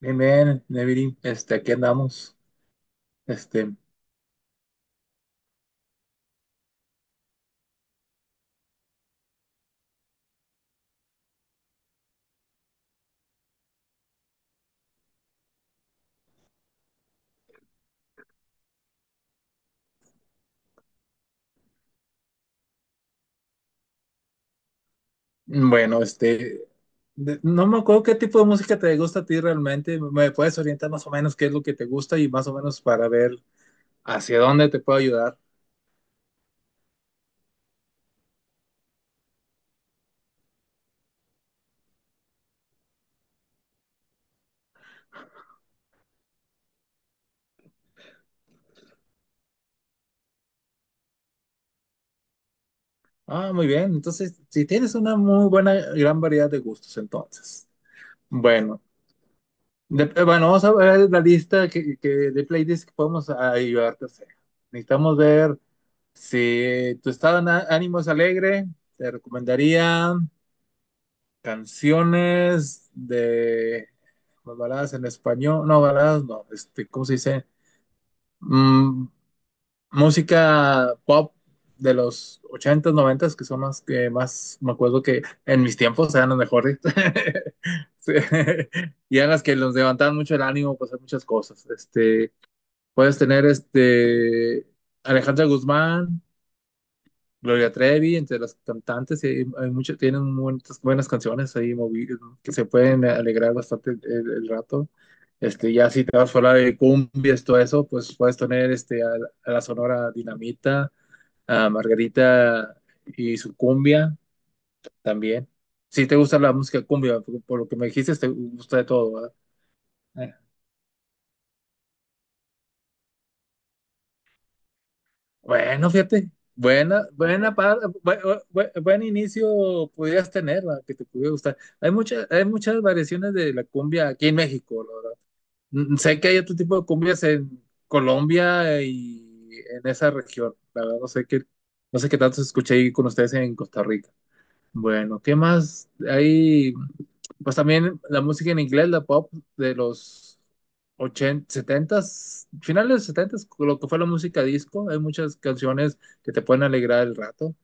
Bien, bien, Neviri, aquí andamos. Este, bueno, este, no me acuerdo qué tipo de música te gusta a ti realmente. ¿Me puedes orientar más o menos qué es lo que te gusta y más o menos para ver hacia dónde te puedo ayudar? Ah, muy bien. Entonces, si tienes una muy buena, gran variedad de gustos, entonces. Bueno, bueno, vamos a ver la lista que de playlists que podemos ayudarte a hacer. Necesitamos ver si tu estado de ánimo es alegre, te recomendaría canciones de pues, baladas en español, no, baladas no, ¿cómo se dice? Mm, Música pop de los ochentas noventas, que son las que más me acuerdo que en mis tiempos eran las mejores. Sí. Y eran las que nos levantaban mucho el ánimo, pues hacer muchas cosas. Puedes tener Alejandra Guzmán, Gloria Trevi, entre las cantantes, y tienen muchas buenas canciones ahí que se pueden alegrar bastante el rato. Ya si te vas fuera de cumbias, todo eso, pues puedes tener este, a la Sonora Dinamita, a Margarita y su cumbia también. Si te gusta la música cumbia, por lo que me dijiste, te gusta de todo, ¿verdad? Bueno, fíjate, buena, buena par- bu- bu- bu- buen, inicio pudieras tener, la que te pudiera gustar. Hay muchas variaciones de la cumbia aquí en México, la verdad. Sé que hay otro tipo de cumbias en Colombia y en esa región. La verdad, no sé qué tanto se escucha ahí con ustedes en Costa Rica. Bueno, ¿qué más hay? Pues también la música en inglés, la pop de los 80, 70, finales de los 70, lo que fue la música disco, hay muchas canciones que te pueden alegrar el rato.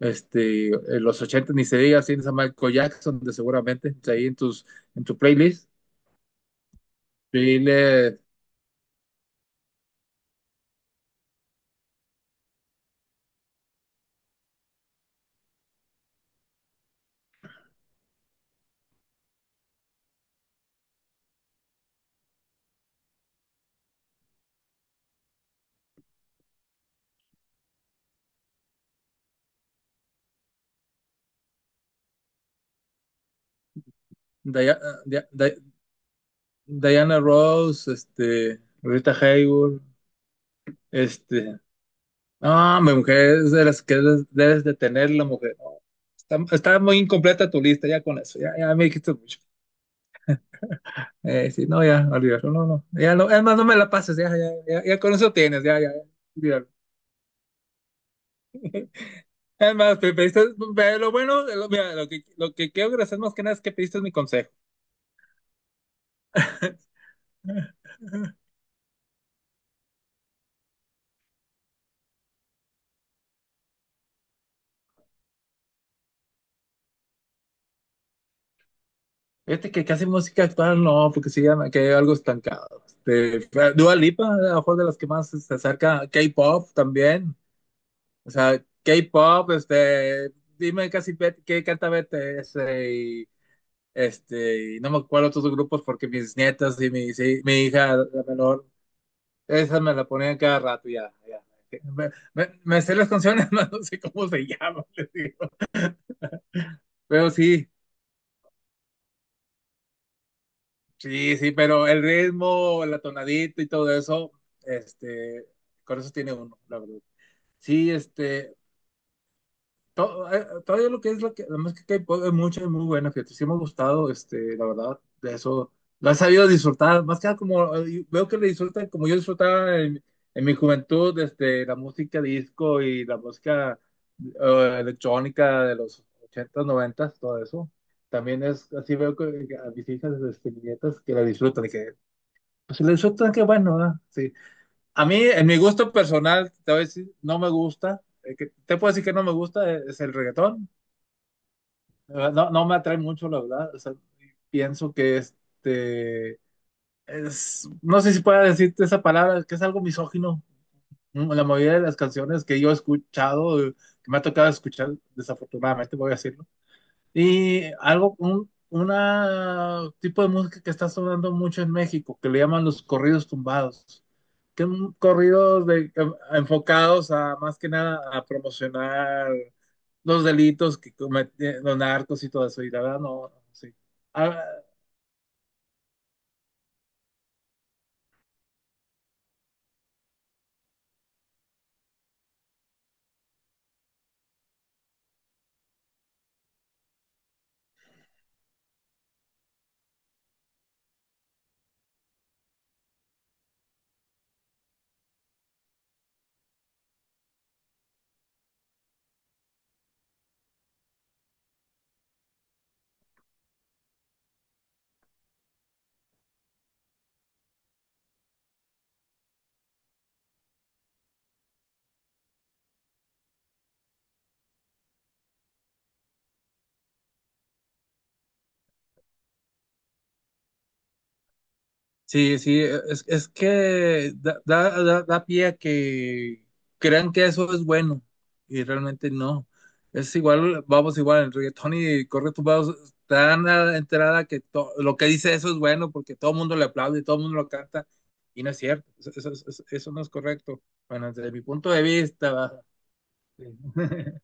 En los 80 ni se diga, tienes a Michael Jackson, de seguramente está ahí en tus en tu playlist. Dile Dia- Dia- Diana Ross, Rita Hayworth, este, no, mi mujer es de las que debes de tener, la mujer. No, está muy incompleta tu lista, ya con eso, ya, ya me dijiste mucho. Sí, no, ya, olvídalo, no, no, ya no, es más, no me la pases, ya, ya, ya, ya con eso tienes, ya, ya, ya, olvídalo. Es más, pediste, lo bueno, lo, mira, lo que quiero agradecer más que nada es que pediste mi consejo. Fíjate que casi música actual no, porque sí ya me quedé algo estancado. Dua Lipa, a lo mejor, de las que más se acerca, K-pop también. O sea, K-pop, dime, qué canta Bete, y no me acuerdo otros grupos porque mis nietas y mi, sí, mi hija, la menor, esa me la ponían cada rato, ya, ya. Me sé las canciones, más no sé cómo se llaman, les digo. Pero sí, sí, sí, pero el ritmo, la tonadita y todo eso, este, con eso tiene uno, la verdad. Sí, todavía lo que es la música K-pop es mucha y muy buena, fíjate, sí me ha gustado, la verdad, de eso, lo he sabido disfrutar, más que nada como, veo que le disfrutan como yo disfrutaba en mi juventud, la música disco y la música electrónica de los ochentas noventas, todo eso, también es, así veo que a mis hijas, mis nietas, que la disfrutan, y que, pues si la disfrutan, qué bueno, ¿verdad? Sí. A mí, en mi gusto personal, te voy a decir, no me gusta, te puedo decir que no me gusta, es el reggaetón, no, no me atrae mucho, la verdad. O sea, pienso que es, no sé si pueda decirte esa palabra, que es algo misógino. ¿No? La mayoría de las canciones que yo he escuchado, que me ha tocado escuchar, desafortunadamente, voy a decir, y algo, un, una tipo de música que está sonando mucho en México, que le llaman los corridos tumbados, que son corridos de, enfocados a más que nada a promocionar los delitos que cometen los narcos y todo eso. Y la verdad, no, no, sí. Ah, sí, es que da pie a que crean que eso es bueno y realmente no. Es igual, vamos, igual, el reggaetón, y corre tu voz tan a la enterada que lo que dice eso es bueno porque todo el mundo le aplaude, todo el mundo lo canta y no es cierto, eso no es correcto. Bueno, desde mi punto de vista, va. Sí.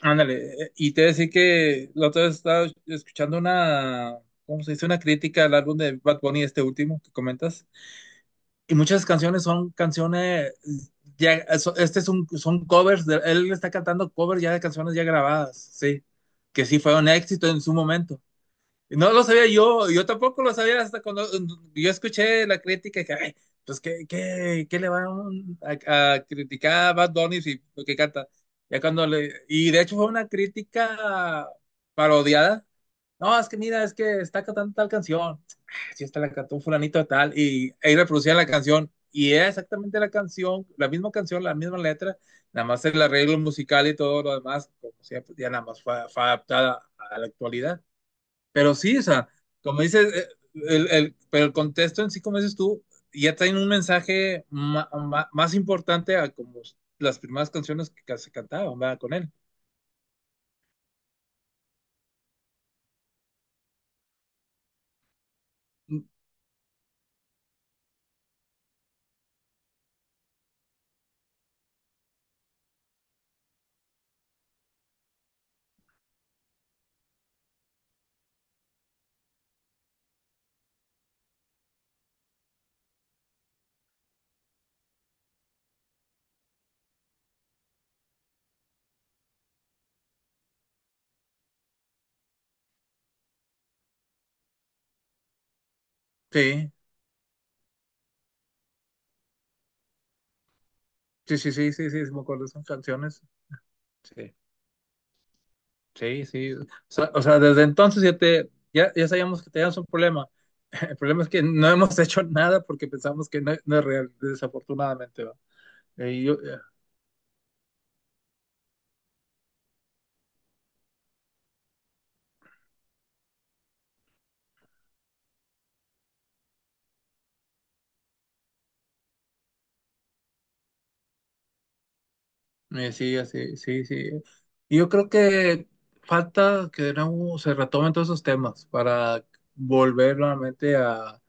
Ándale, y te decía que la otra vez estaba escuchando ¿cómo se dice? Una crítica al álbum de Bad Bunny, este último que comentas. Y muchas canciones son canciones, son covers, él está cantando covers ya de canciones ya grabadas, sí, que sí fue un éxito en su momento. Y no lo sabía yo, yo tampoco lo sabía hasta cuando yo escuché la crítica que, ay, pues, ¿qué le van a criticar a Bad Bunny si lo que canta? Ya cuando le, y de hecho fue una crítica parodiada, no, es que mira, es que está cantando tal canción. Ah, sí, está, la cantó un fulanito de tal. Y ahí reproducía la canción. Y era exactamente la canción, la misma letra. Nada más el arreglo musical y todo lo demás, como siempre, ya nada más fue, fue adaptada a la actualidad. Pero sí, o sea, como dices, pero el contexto en sí, como dices tú, ya traen un mensaje más importante a como las primeras canciones que se cantaban, ¿verdad? Con él. Sí, sí, sí, me acuerdo de esas canciones. Sí. Sí, sí. O sea, desde entonces ya, te, ya, ya sabíamos que teníamos un problema. El problema es que no hemos hecho nada porque pensamos que no, no es real, desafortunadamente. ¿Va? Eh, yo, sí, así, sí, sí. Y yo creo que falta que de nuevo se retomen todos esos temas para volver nuevamente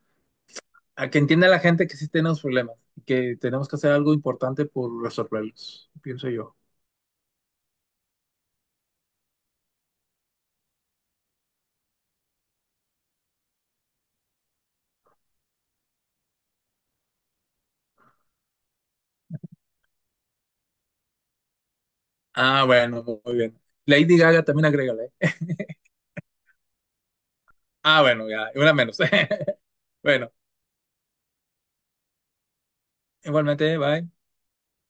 a que entienda la gente que sí tenemos problemas y que tenemos que hacer algo importante por resolverlos, pienso yo. Ah, bueno, muy bien. Lady Gaga también agrega. Ah, bueno, ya, una menos. Bueno, igualmente, bye.